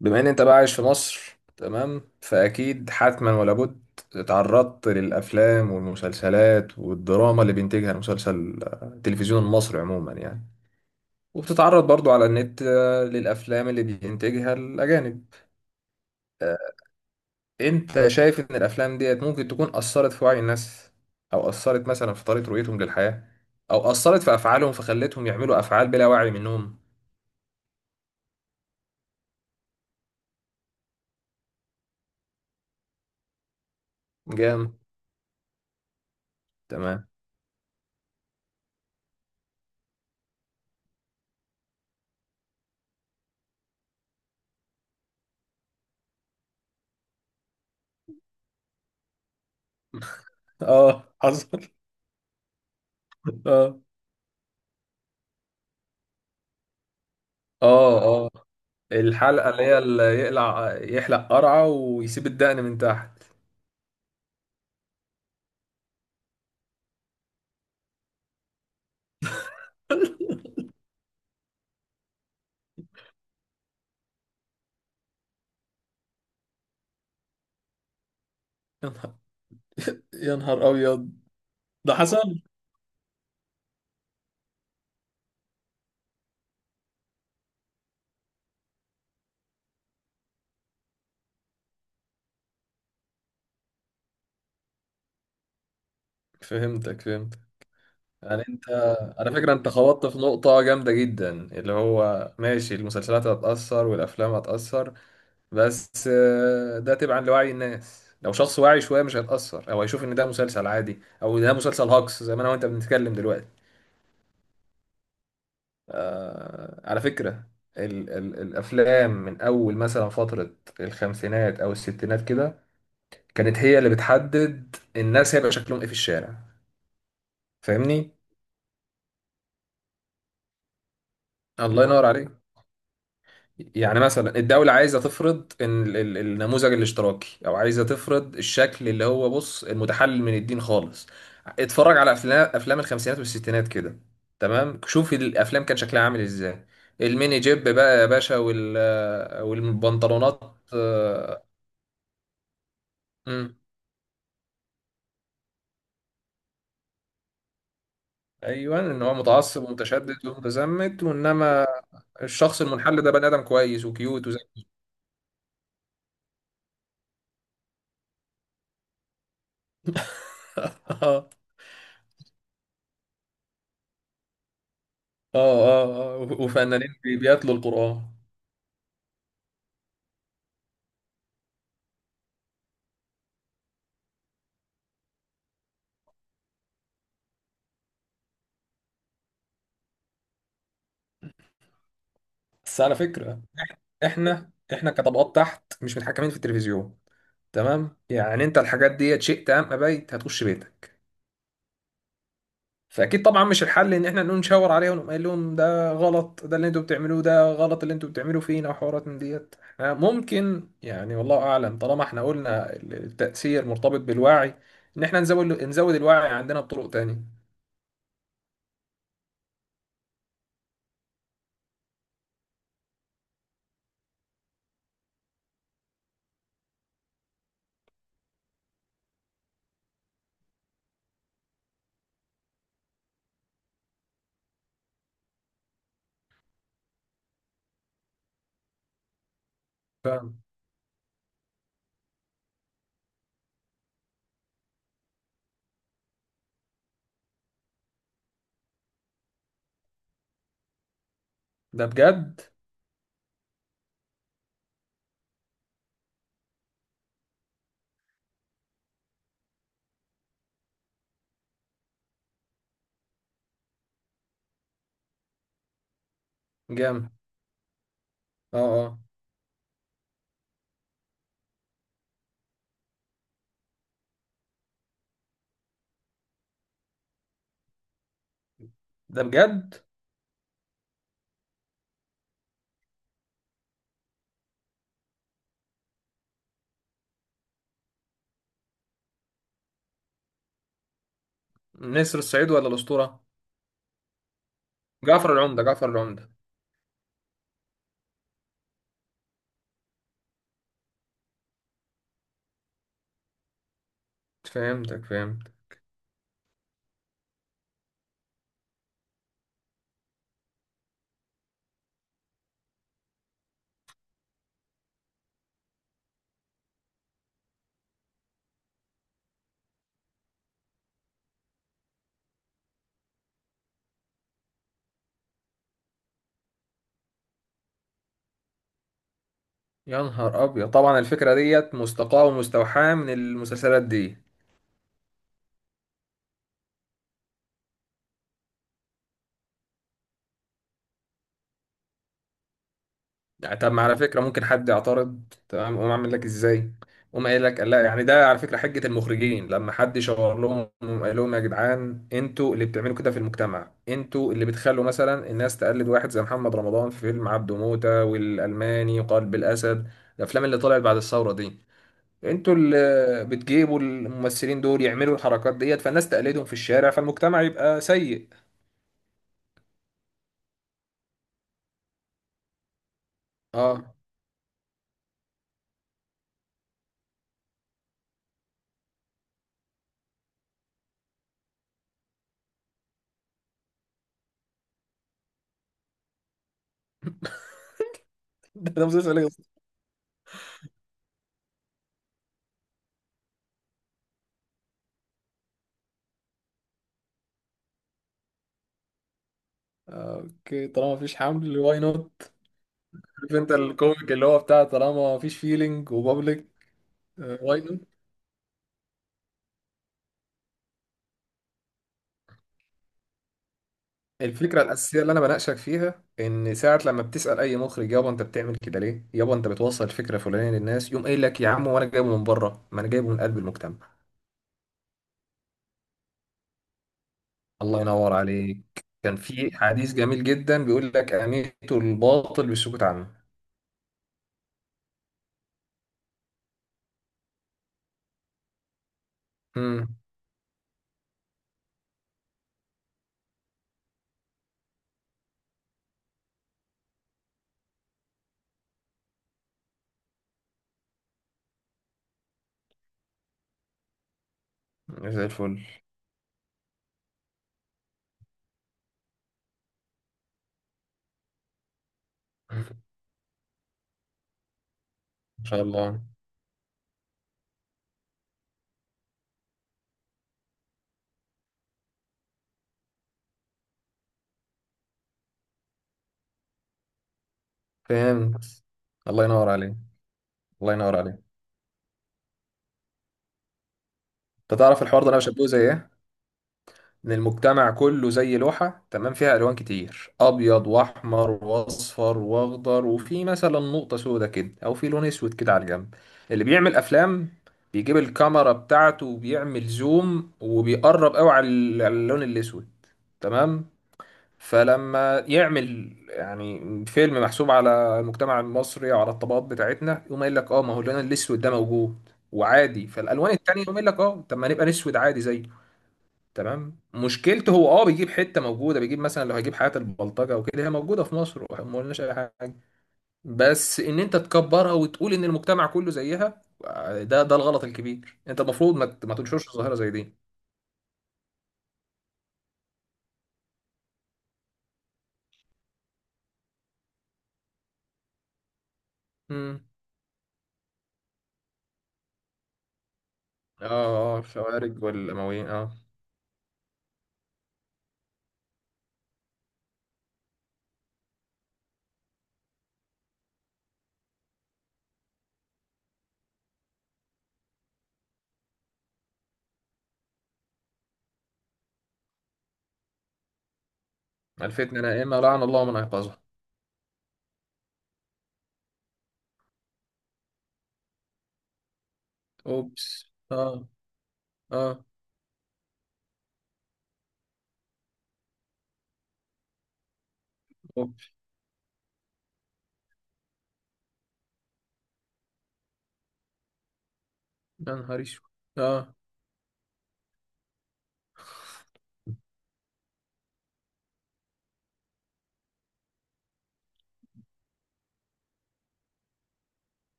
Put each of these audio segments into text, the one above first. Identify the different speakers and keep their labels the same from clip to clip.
Speaker 1: بما ان انت بقى عايش في مصر، تمام؟ فاكيد حتما ولا بد اتعرضت للافلام والمسلسلات والدراما اللي بينتجها المسلسل آه، التلفزيون المصري عموما يعني. وبتتعرض برضو على النت، للافلام اللي بينتجها الاجانب. آه، انت شايف ان الافلام ديت ممكن تكون اثرت في وعي الناس، او اثرت مثلا في طريقة رؤيتهم للحياة، او اثرت في افعالهم فخلتهم يعملوا افعال بلا وعي منهم. جام، تمام. اه حصل اه، اه، اه، الحلقة اللي هي اللي يقلع يحلق قرعة ويسيب الدقن من تحت. يا نهار، يا نهار أبيض. ده حصل؟ فهمتك، فهمت. يعني انت، على فكرة، انت خبطت في نقطة جامدة جدا، اللي هو ماشي، المسلسلات هتأثر والأفلام هتأثر، بس ده تبعا لوعي الناس. لو شخص واعي شوية مش هيتأثر، أو هيشوف إن ده مسلسل عادي أو ده مسلسل هاكس زي ما أنا وأنت بنتكلم دلوقتي. آه، على فكرة، ال الأفلام من أول مثلا فترة الخمسينات أو الستينات كده كانت هي اللي بتحدد الناس هيبقى شكلهم إيه في الشارع. فاهمني؟ الله ينور عليك. يعني مثلا الدولة عايزة تفرض إن ال النموذج الاشتراكي، أو عايزة تفرض الشكل اللي هو، بص، المتحلل من الدين خالص. اتفرج على أفلام الخمسينات والستينات كده، تمام؟ شوف الأفلام كان شكلها عامل إزاي، الميني جيب بقى يا باشا، وال، والبنطلونات. آه، امم، ايوه، ان هو متعصب ومتشدد ومتزمت، وانما الشخص المنحل ده بني ادم كويس وكيوت وزي. اه، اه، اه، اه، وفنانين بيتلوا القرآن. بس على فكرة، احنا كطبقات تحت مش متحكمين في التلفزيون، تمام؟ يعني انت الحاجات دي، شئت ام ابيت، هتخش بيتك. فاكيد طبعا مش الحل ان احنا نقوم نشاور عليهم ونقوم قايل لهم ده غلط، ده اللي انتوا بتعملوه ده غلط اللي انتوا بتعملوه فينا وحوارات من ديت. احنا ممكن، يعني والله اعلم، طالما احنا قلنا التأثير مرتبط بالوعي، ان احنا نزود الوعي عندنا بطرق تانية. فاهم؟ ده بجد. جامد. اه. اه. ده بجد. نسر الصعيد ولا الأسطورة؟ جعفر العمدة، جعفر العمدة. فهمتك، فهمت. يا نهار ابيض، طبعا الفكرة ديت مستقاة ومستوحاة من المسلسلات دي. يعني طب، ما على فكرة ممكن حد يعترض، تمام؟ قوم عامل لك ازاي، قوم قايل لك لا، يعني ده على فكرة حجة المخرجين لما حد شاور لهم، قوم قال لهم يا جدعان انتوا اللي بتعملوا كده في المجتمع، انتوا اللي بتخلوا مثلا الناس تقلد واحد زي محمد رمضان في فيلم عبده موتة والألماني وقلب الأسد، الأفلام اللي طلعت بعد الثورة دي. انتوا اللي بتجيبوا الممثلين دول يعملوا الحركات ديت، فالناس تقلدهم في الشارع، فالمجتمع يبقى سيء. اه ده ده مسلسل ايه يا أستاذ؟ طالما مفيش حمل واي نوت. عارف انت الكوميك اللي هو بتاع طالما مفيش فيلينج وبابليك واي نوت؟ الفكره الاساسيه اللي انا بناقشك فيها، ان ساعه لما بتسال اي مخرج يابا انت بتعمل كده ليه، يابا انت بتوصل فكره فلانيه للناس، يقوم قايل لك يا عم وانا جايبه من بره، ما انا جايبه من قلب المجتمع. الله ينور عليك. كان في حديث جميل جدا بيقول لك اميتوا الباطل بالسكوت عنه. امم. زي الفل ما شاء الله. فهمت. الله ينور عليك. الله ينور عليك. انت تعرف الحوار ده انا بشبهه زي ايه؟ ان المجتمع كله زي لوحة، تمام؟ فيها الوان كتير، ابيض واحمر واصفر واخضر، وفي مثلا نقطة سودة كده او في لون اسود كده على الجنب. اللي بيعمل افلام بيجيب الكاميرا بتاعته وبيعمل زوم وبيقرب قوي على على اللون الاسود، تمام؟ فلما يعمل يعني فيلم محسوب على المجتمع المصري أو على الطبقات بتاعتنا، يقوم قايل لك اه ما هو اللون الاسود ده موجود وعادي فالالوان التانية، يقوم قايل لك اه طب ما نبقى نسود عادي زيه. تمام؟ مشكلته هو اه بيجيب حته موجوده، بيجيب مثلا لو هيجيب حياه البلطجه وكده، هي موجوده في مصر وما قلناش اي حاجه، بس ان انت تكبرها وتقول ان المجتمع كله زيها، ده ده الغلط الكبير. انت المفروض ما تنشرش ظاهره زي دي. امم. اه، اه، الخوارج والامويين، اه. الفتنه نائمه لعن الله من ايقظها. اوبس، اه. اه. اوبس. يا نهار اسود. اه.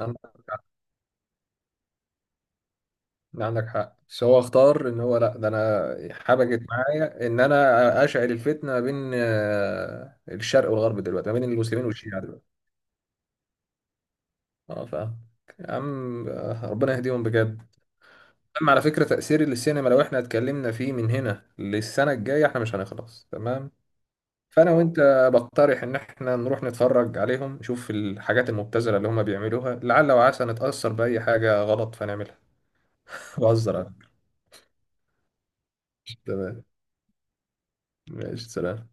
Speaker 1: عندك، عندك حق، بس هو اختار ان هو لا، ده انا حبكت معايا ان انا اشعل الفتنه ما بين، آه، الشرق والغرب دلوقتي، ما بين المسلمين والشيعه دلوقتي. اه، فاهم. يا عم، آه، ربنا يهديهم بجد. اما على فكره تاثير السينما لو احنا اتكلمنا فيه من هنا للسنه الجايه احنا مش هنخلص، تمام؟ فانا وانت بقترح ان احنا نروح نتفرج عليهم، نشوف الحاجات المبتذله اللي هم بيعملوها، لعل وعسى نتاثر باي حاجه غلط فنعملها. بهزر أنا. تمام، ماشي، سلام.